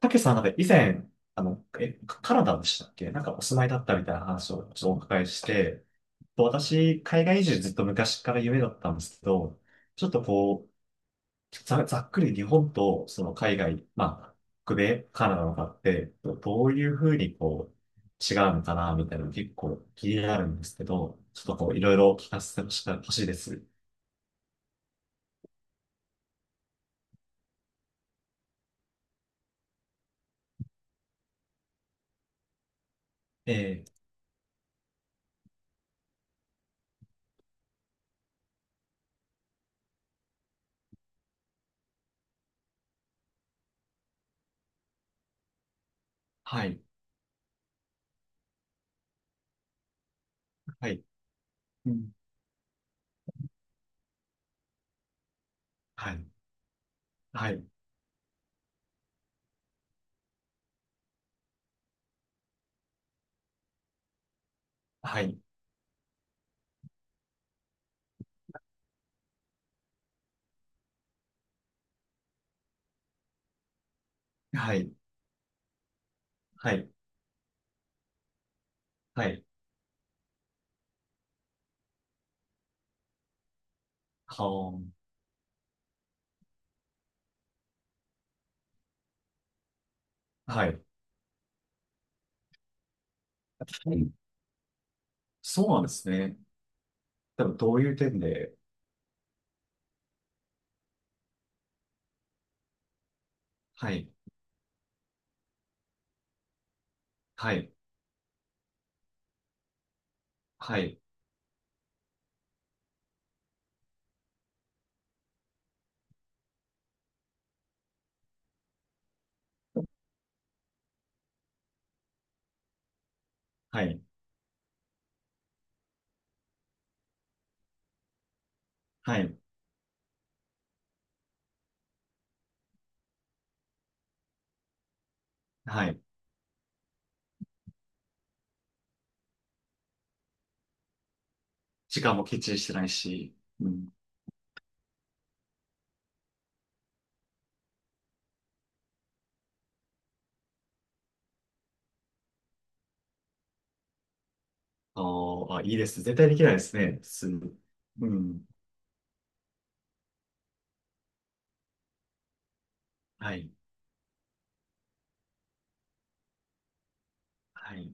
たけしさん、なんか以前、カナダでしたっけ、なんかお住まいだったみたいな話をちょっとお伺いして、と私、海外移住ずっと昔から夢だったんですけど、ちょっとこう、ざっくり日本とその海外、まあ、北米、カナダのかって、どういうふうにこう、違うのかな、みたいなの結構気になるんですけど、ちょっとこう、いろいろ聞かせてほしいです。ええ、はい、はい、うん、はい、はい、はい、はい、はい、はい、はあ。はい。うん、そうなんですね。でもどういう点で？はい、はい、はい、はい、はい、はい。時間もきっちりしてないし、うん。あーあ、いいです。絶対できないですね、普通。うん。はい、はい、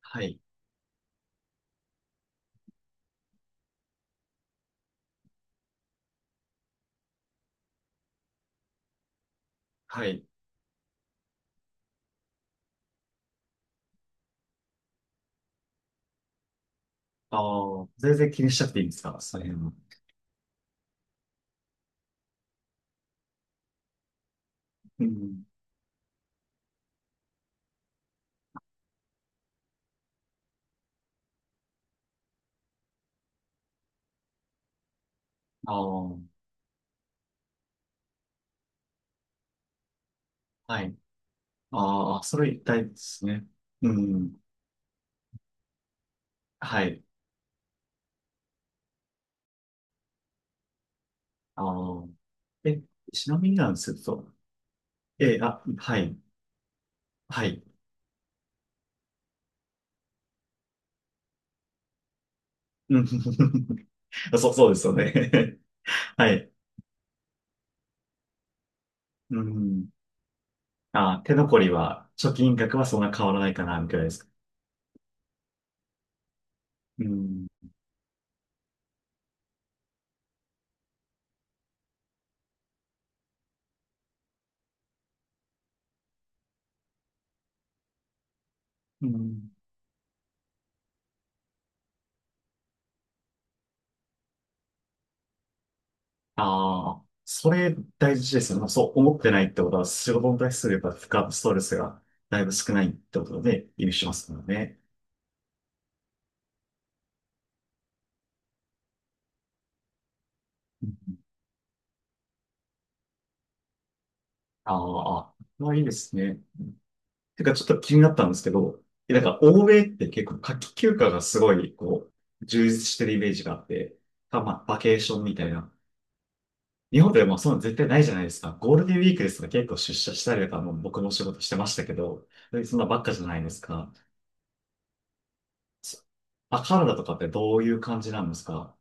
はい、はい。ああ、全然気にしちゃっていいんですかその辺は？うん。ああ、はい。ああ、それ一体ですね。うん。はい。ああ、え、ちなみになんですけど、はい、はい。うん。 そう、そうですよね。 はい。うん。あ、手残りは、貯金額はそんな変わらないかな、みたいですか？うん。うん。ああ、それ大事ですよね。そう思ってないってことは、仕事に対するやっぱ負荷、ストレスがだいぶ少ないってことで、意味しますからね。うん。ああ、まあいいですね。てか、ちょっと気になったんですけど、なんか、欧米って結構夏季休暇がすごい、こう、充実してるイメージがあって、まあ、バケーションみたいな。日本でもそういうの絶対ないじゃないですか。ゴールデンウィークですとか結構出社したりとか、もう僕も仕事してましたけど、そんなばっかじゃないですか。そカナダとかってどういう感じなんですか？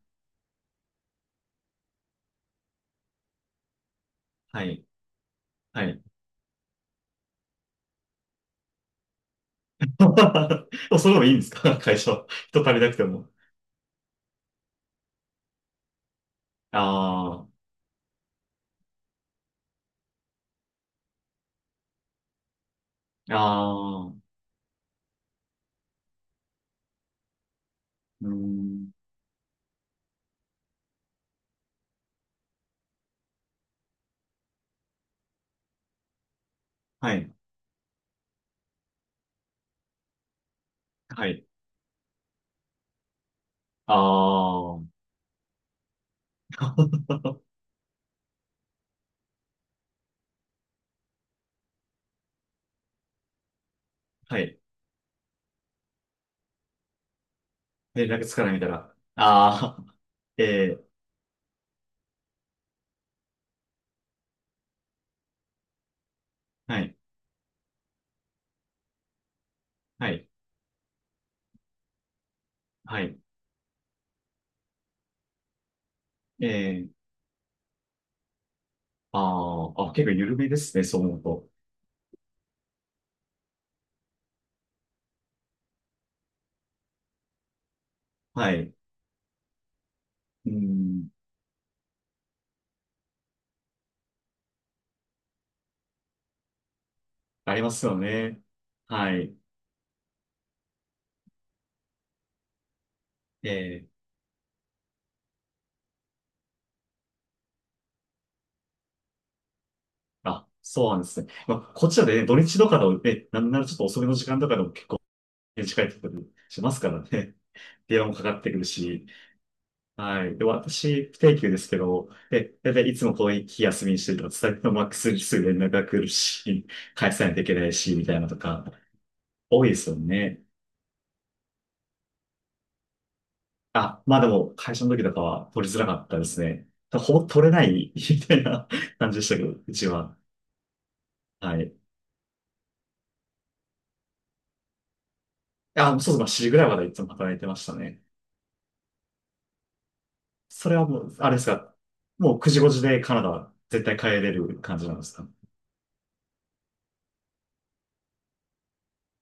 はい。はい。それでもいいんですか会社？人足りなくても。ああ、ああ、うーん。はい。はい。ああ。はい。連絡つかないみたいな。ああ。えー、はい。はい。はい。えー、ああ、結構緩めですね、そう思うと。はい。うん、ありますよね。はい。ええ、そうなんですね。まあ、こっちはね、土日とかのね、なんならちょっと遅めの時間とかでも結構ね、近いところにしますからね。電話もかかってくるし。はい。で、私、不定休ですけど、で、だいたいいつもこういう日休みにしてると、伝えてもマックスにすぐ連絡が来るし、返さないといけないし、みたいなのとか、多いですよね。あ、まあでも、会社の時とかは取りづらかったですね。ほぼ取れない、みたいな感じでしたけど、うちは。はい。あ、そうですね。7時ぐらいまでいつも働いてましたね。それはもう、あれですか。もう9時5時でカナダは絶対帰れる感じなんですか？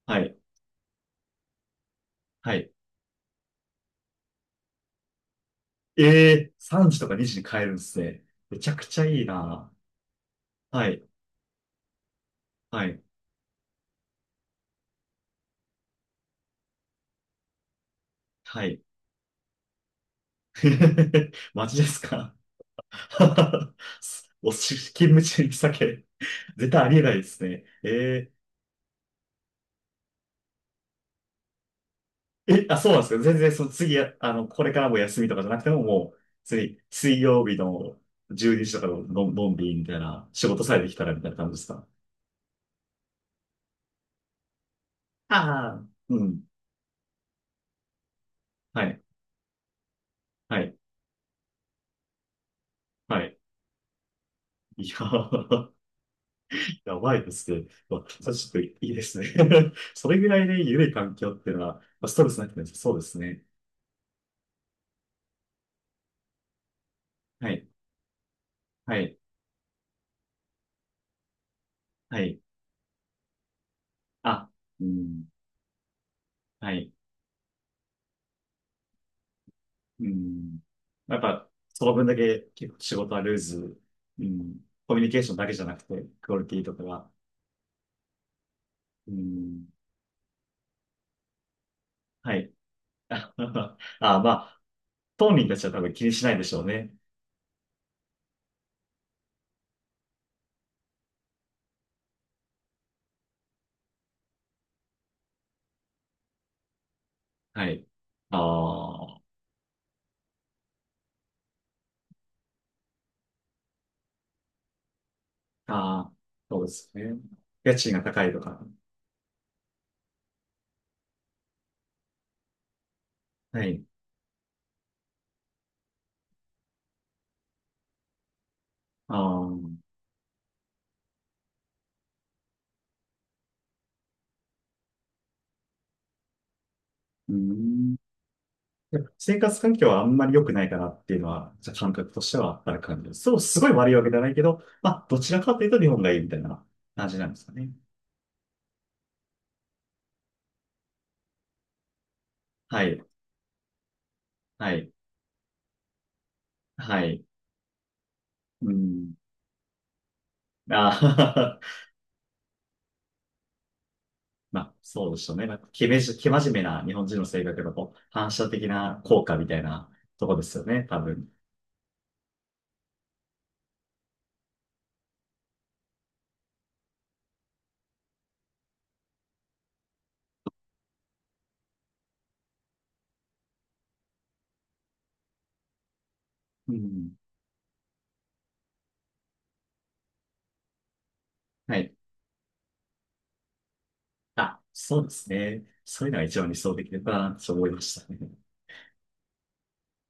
はい。はい。ええ、3時とか2時に帰るんですね。めちゃくちゃいいな。はい。はい。はい。マジですか？ 勤務中に酒。絶対ありえないですね。ええ、そうなんですか。全然、その次、あの、これからも休みとかじゃなくても、もう、次、水曜日の12時とかの、のんびりみたいな、仕事さえできたらみたいな感じですか？ああ。うん。はい。はい。はい。いやー、やばいですね。まあ、ちょっといいですね。それぐらいで緩い環境っていうのは、まあストレスなくてもそうですね。はい。はい。はい。あ、うん。はい。うん。やっぱ、その分だけ結構仕事はルーズ、うん、コミュニケーションだけじゃなくて、クオリティとかが、うん、はい。あ、まあ、当人たちは多分気にしないでしょうね。はい。ああ、ああ、そうですね。家賃が高いとか。はい。ああ、うん。やっぱ生活環境はあんまり良くないかなっていうのは、じゃあ感覚としてはある感じです。そう、すごい悪いわけじゃないけど、まあ、どちらかというと日本がいいみたいな感じなんですかね？はい。はい。はい。うん。ああ。 まあ、そうでしょね。なんか、けめじ、け真面目な日本人の性格のこう反射的な効果みたいなとこですよね、多分。うん。はい。あ、そうですね。そういうのが一番理想的だな、と思いましたね。